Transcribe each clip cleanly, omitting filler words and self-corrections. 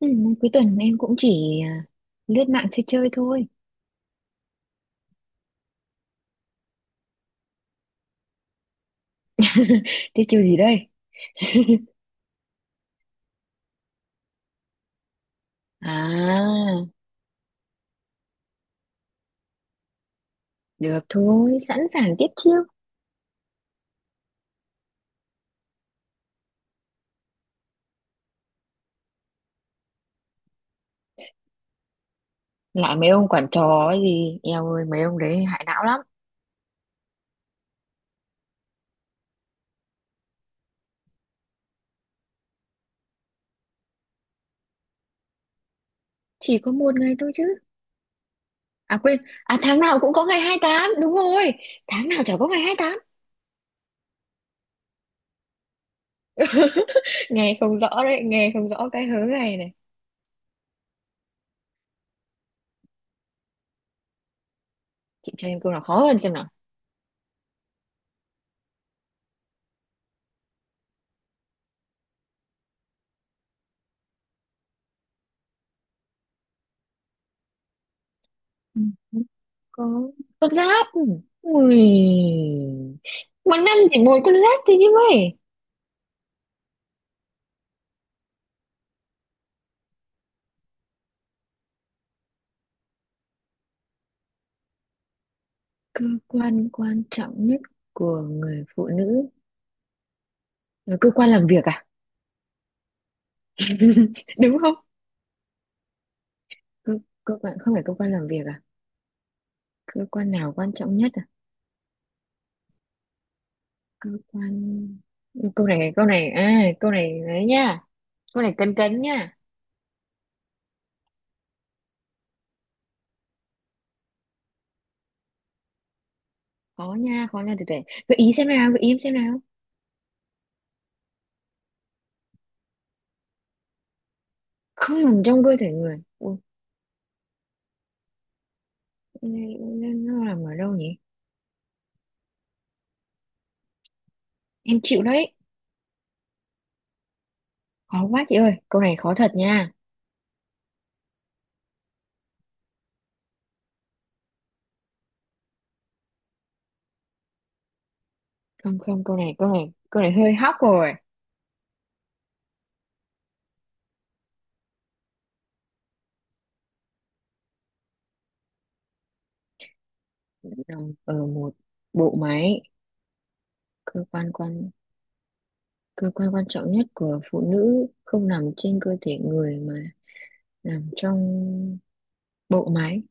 Ừ, cuối tuần em cũng chỉ lướt mạng chơi chơi thôi. Tiếp chiêu gì đây? À, được thôi, sẵn sàng tiếp chiêu. Lại mấy ông quản trò ấy gì, eo ơi mấy ông đấy hại não lắm. Chỉ có một ngày thôi chứ. À quên, à tháng nào cũng có ngày hai tám đúng rồi. Tháng nào chả có ngày hai tám. Nghe không rõ đấy, nghe không rõ cái hớ này này. Chị cho em câu nào khó hơn xem nào. Ừ, không có con giáp. Ui. Một năm chỉ một con giáp thôi chứ mấy. Cơ quan quan trọng nhất của người phụ nữ? Ờ, cơ quan làm việc à? Đúng không? Cơ, cơ quan không phải cơ quan làm việc à? Cơ quan nào quan trọng nhất à? Cơ quan. Câu này à, câu này đấy nha. Câu này cấn cấn nha. Khó nha, khó nha, từ từ. Gợi ý xem nào, gợi ý xem nào. Không nằm trong cơ thể người. Ủa, cái này nó nằm ở đâu nhỉ? Em chịu đấy, khó quá chị ơi, câu này khó thật nha. Không không, câu này hơi hóc rồi. Nằm ở một bộ máy. Cơ quan quan cơ quan quan trọng nhất của phụ nữ không nằm trên cơ thể người mà nằm trong bộ máy.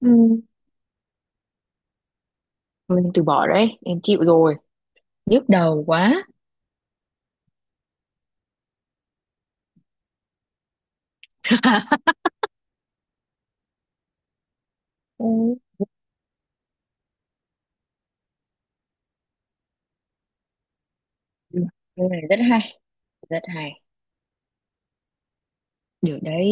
Ừ. Thôi em từ bỏ đấy, em chịu rồi. Nhức đầu quá. Ừ. Ừ. Cái này rất hay, rất hay. Được đấy.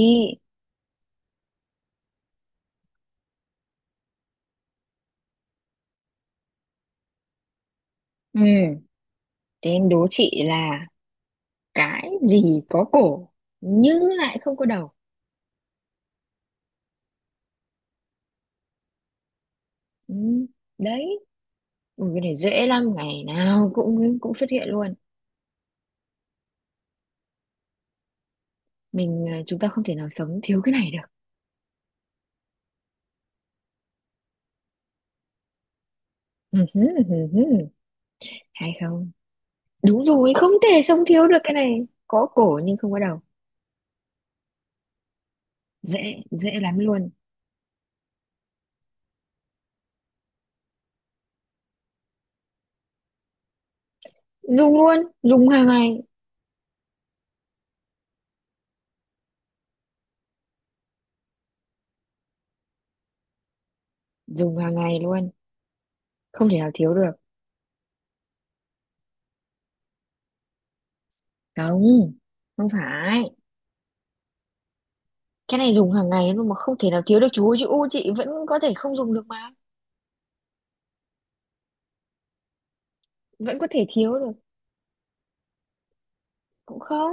Ừ, thế em đố chị là cái gì có cổ nhưng lại không có đầu. Ừ. Đấy. Ừ, cái này dễ lắm, ngày nào cũng cũng xuất hiện luôn. Mình à, chúng ta không thể nào sống thiếu cái này được. Hay không? Đúng rồi, không thể sống thiếu được cái này. Có cổ nhưng không có đầu. Dễ, dễ lắm luôn. Dùng luôn, dùng hàng ngày. Dùng hàng ngày luôn, không thể nào thiếu được. Không, không phải. Cái này dùng hàng ngày luôn mà không thể nào thiếu được chú ơi. Chứ u chị vẫn có thể không dùng được mà, vẫn có thể thiếu được. Cũng không.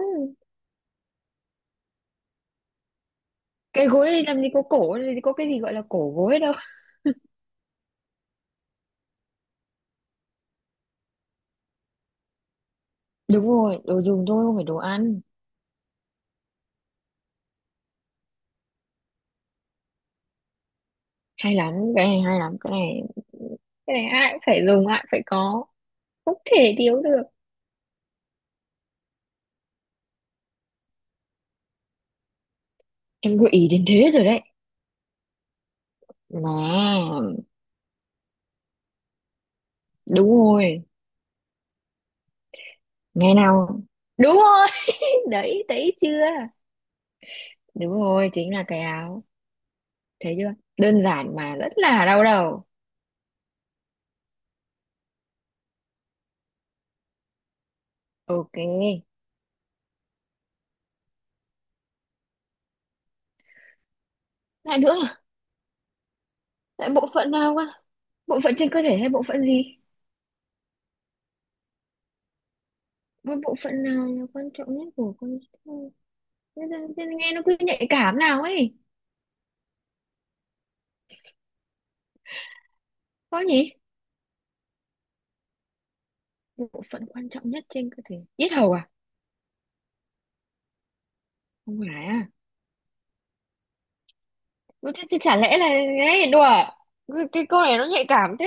Cái gối này làm gì có cổ, làm gì có cái gì gọi là cổ gối đâu. Đúng rồi, đồ dùng thôi, không phải đồ ăn. Hay lắm cái này, hay lắm cái này. Cái này ai cũng phải dùng, ai cũng phải có, không thể thiếu được. Em gợi ý đến thế rồi đấy mà. Đúng rồi. Ngày nào. Đúng rồi. Đấy, thấy chưa? Đúng rồi, chính là cái áo. Thấy chưa? Đơn giản mà rất là đau đầu. OK. Lại nữa à? Lại bộ phận nào cơ? Bộ phận trên cơ thể hay bộ phận gì? Với bộ phận nào là quan trọng nhất của con người? Thế là nghe nó cứ nhạy cảm nào ấy. Có nhỉ? Bộ phận quan trọng nhất trên cơ thể, yết hầu à? Không phải à? Ủa, thế chả lẽ là ấy đùa à? Cái câu này nó nhạy cảm thế.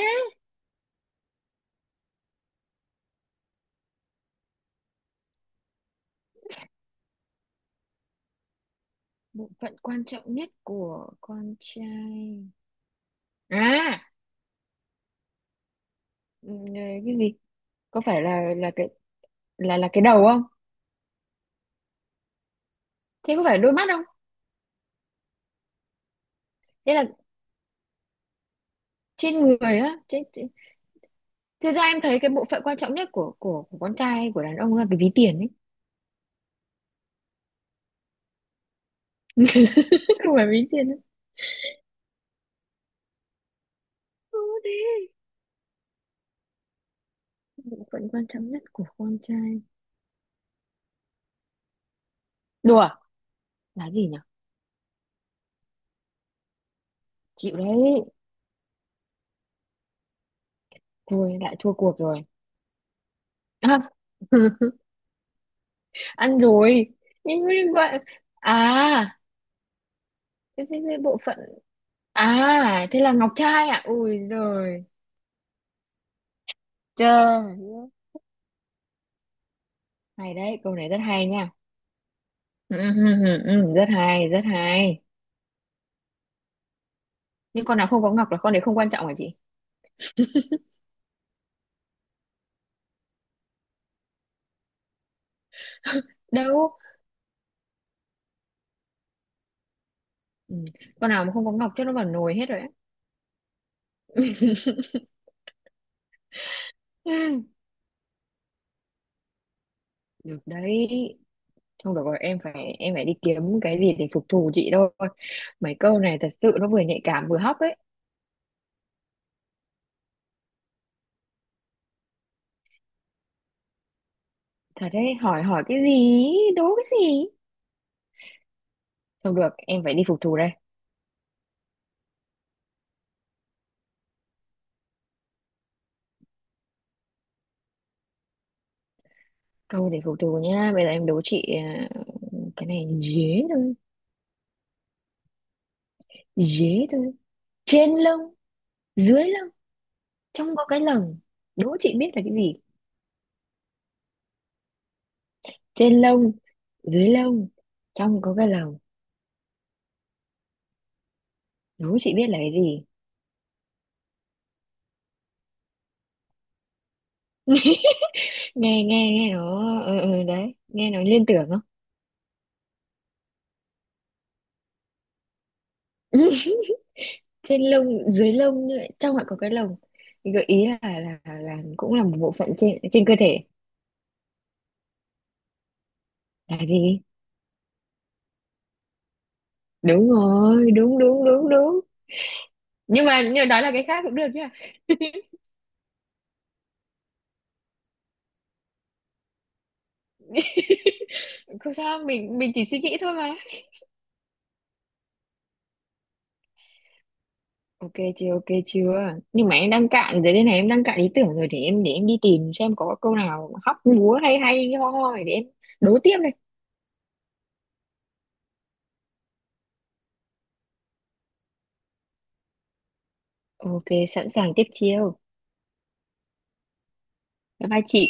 Bộ phận quan trọng nhất của con trai à? Ừ, cái gì? Có phải là cái đầu không? Thế có phải đôi mắt không? Thế là trên người á, trên... Thực ra em thấy cái bộ phận quan trọng nhất của con trai, của đàn ông là cái ví tiền ấy. Chứ không phải ví tiền ấy. Ừ, thế bộ phận quan trọng nhất của con trai, đùa, là gì nhỉ? Chịu đấy. Thua, lại thua cuộc rồi. À, ăn rồi. Nhưng mà đừng gọi à. Cái bộ phận. À, thế là Ngọc Trai à? Ui rồi trời ơi. Hay đấy, câu này rất hay nha. Ừ, ừ, ừ, ừ, ừ, rất hay, rất hay. Nhưng con nào không có Ngọc là con đấy không quan trọng hả chị? Đâu. Ừ. Con nào mà không có Ngọc chắc nó vào nồi hết rồi á. Ừ. Được đấy. Không được rồi, em phải đi kiếm cái gì để phục thù chị thôi. Mấy câu này thật sự nó vừa nhạy cảm vừa hóc ấy. Thật đấy, hỏi hỏi cái gì, đố cái gì. Không được, em phải đi phục thù đây. Thôi để phục thù nhá, bây giờ em đố chị à, cái này dế thôi, dế thôi. Trên lông, dưới lông, trong có cái lồng. Đố chị biết là cái gì? Trên lông, dưới lông, trong có cái lồng. Đố chị biết là cái gì? Nghe nghe nghe nó ừ, ừ, đấy, nghe nó liên tưởng không? Trên lông, dưới lông như vậy, trong lại có cái lồng. Thì gợi ý là cũng là một bộ phận trên trên cơ thể. Là gì? Đúng rồi, đúng đúng đúng đúng. Nhưng mà nhưng đó là cái khác cũng được chứ, không sao, mình chỉ suy nghĩ thôi mà. OK chưa? Nhưng mà em đang cạn rồi đây này, em đang cạn ý tưởng rồi, để em đi tìm xem có câu nào hóc búa hay hay ho ho để em đố tiếp đây. OK, sẵn sàng tiếp chiêu. Bye bye chị.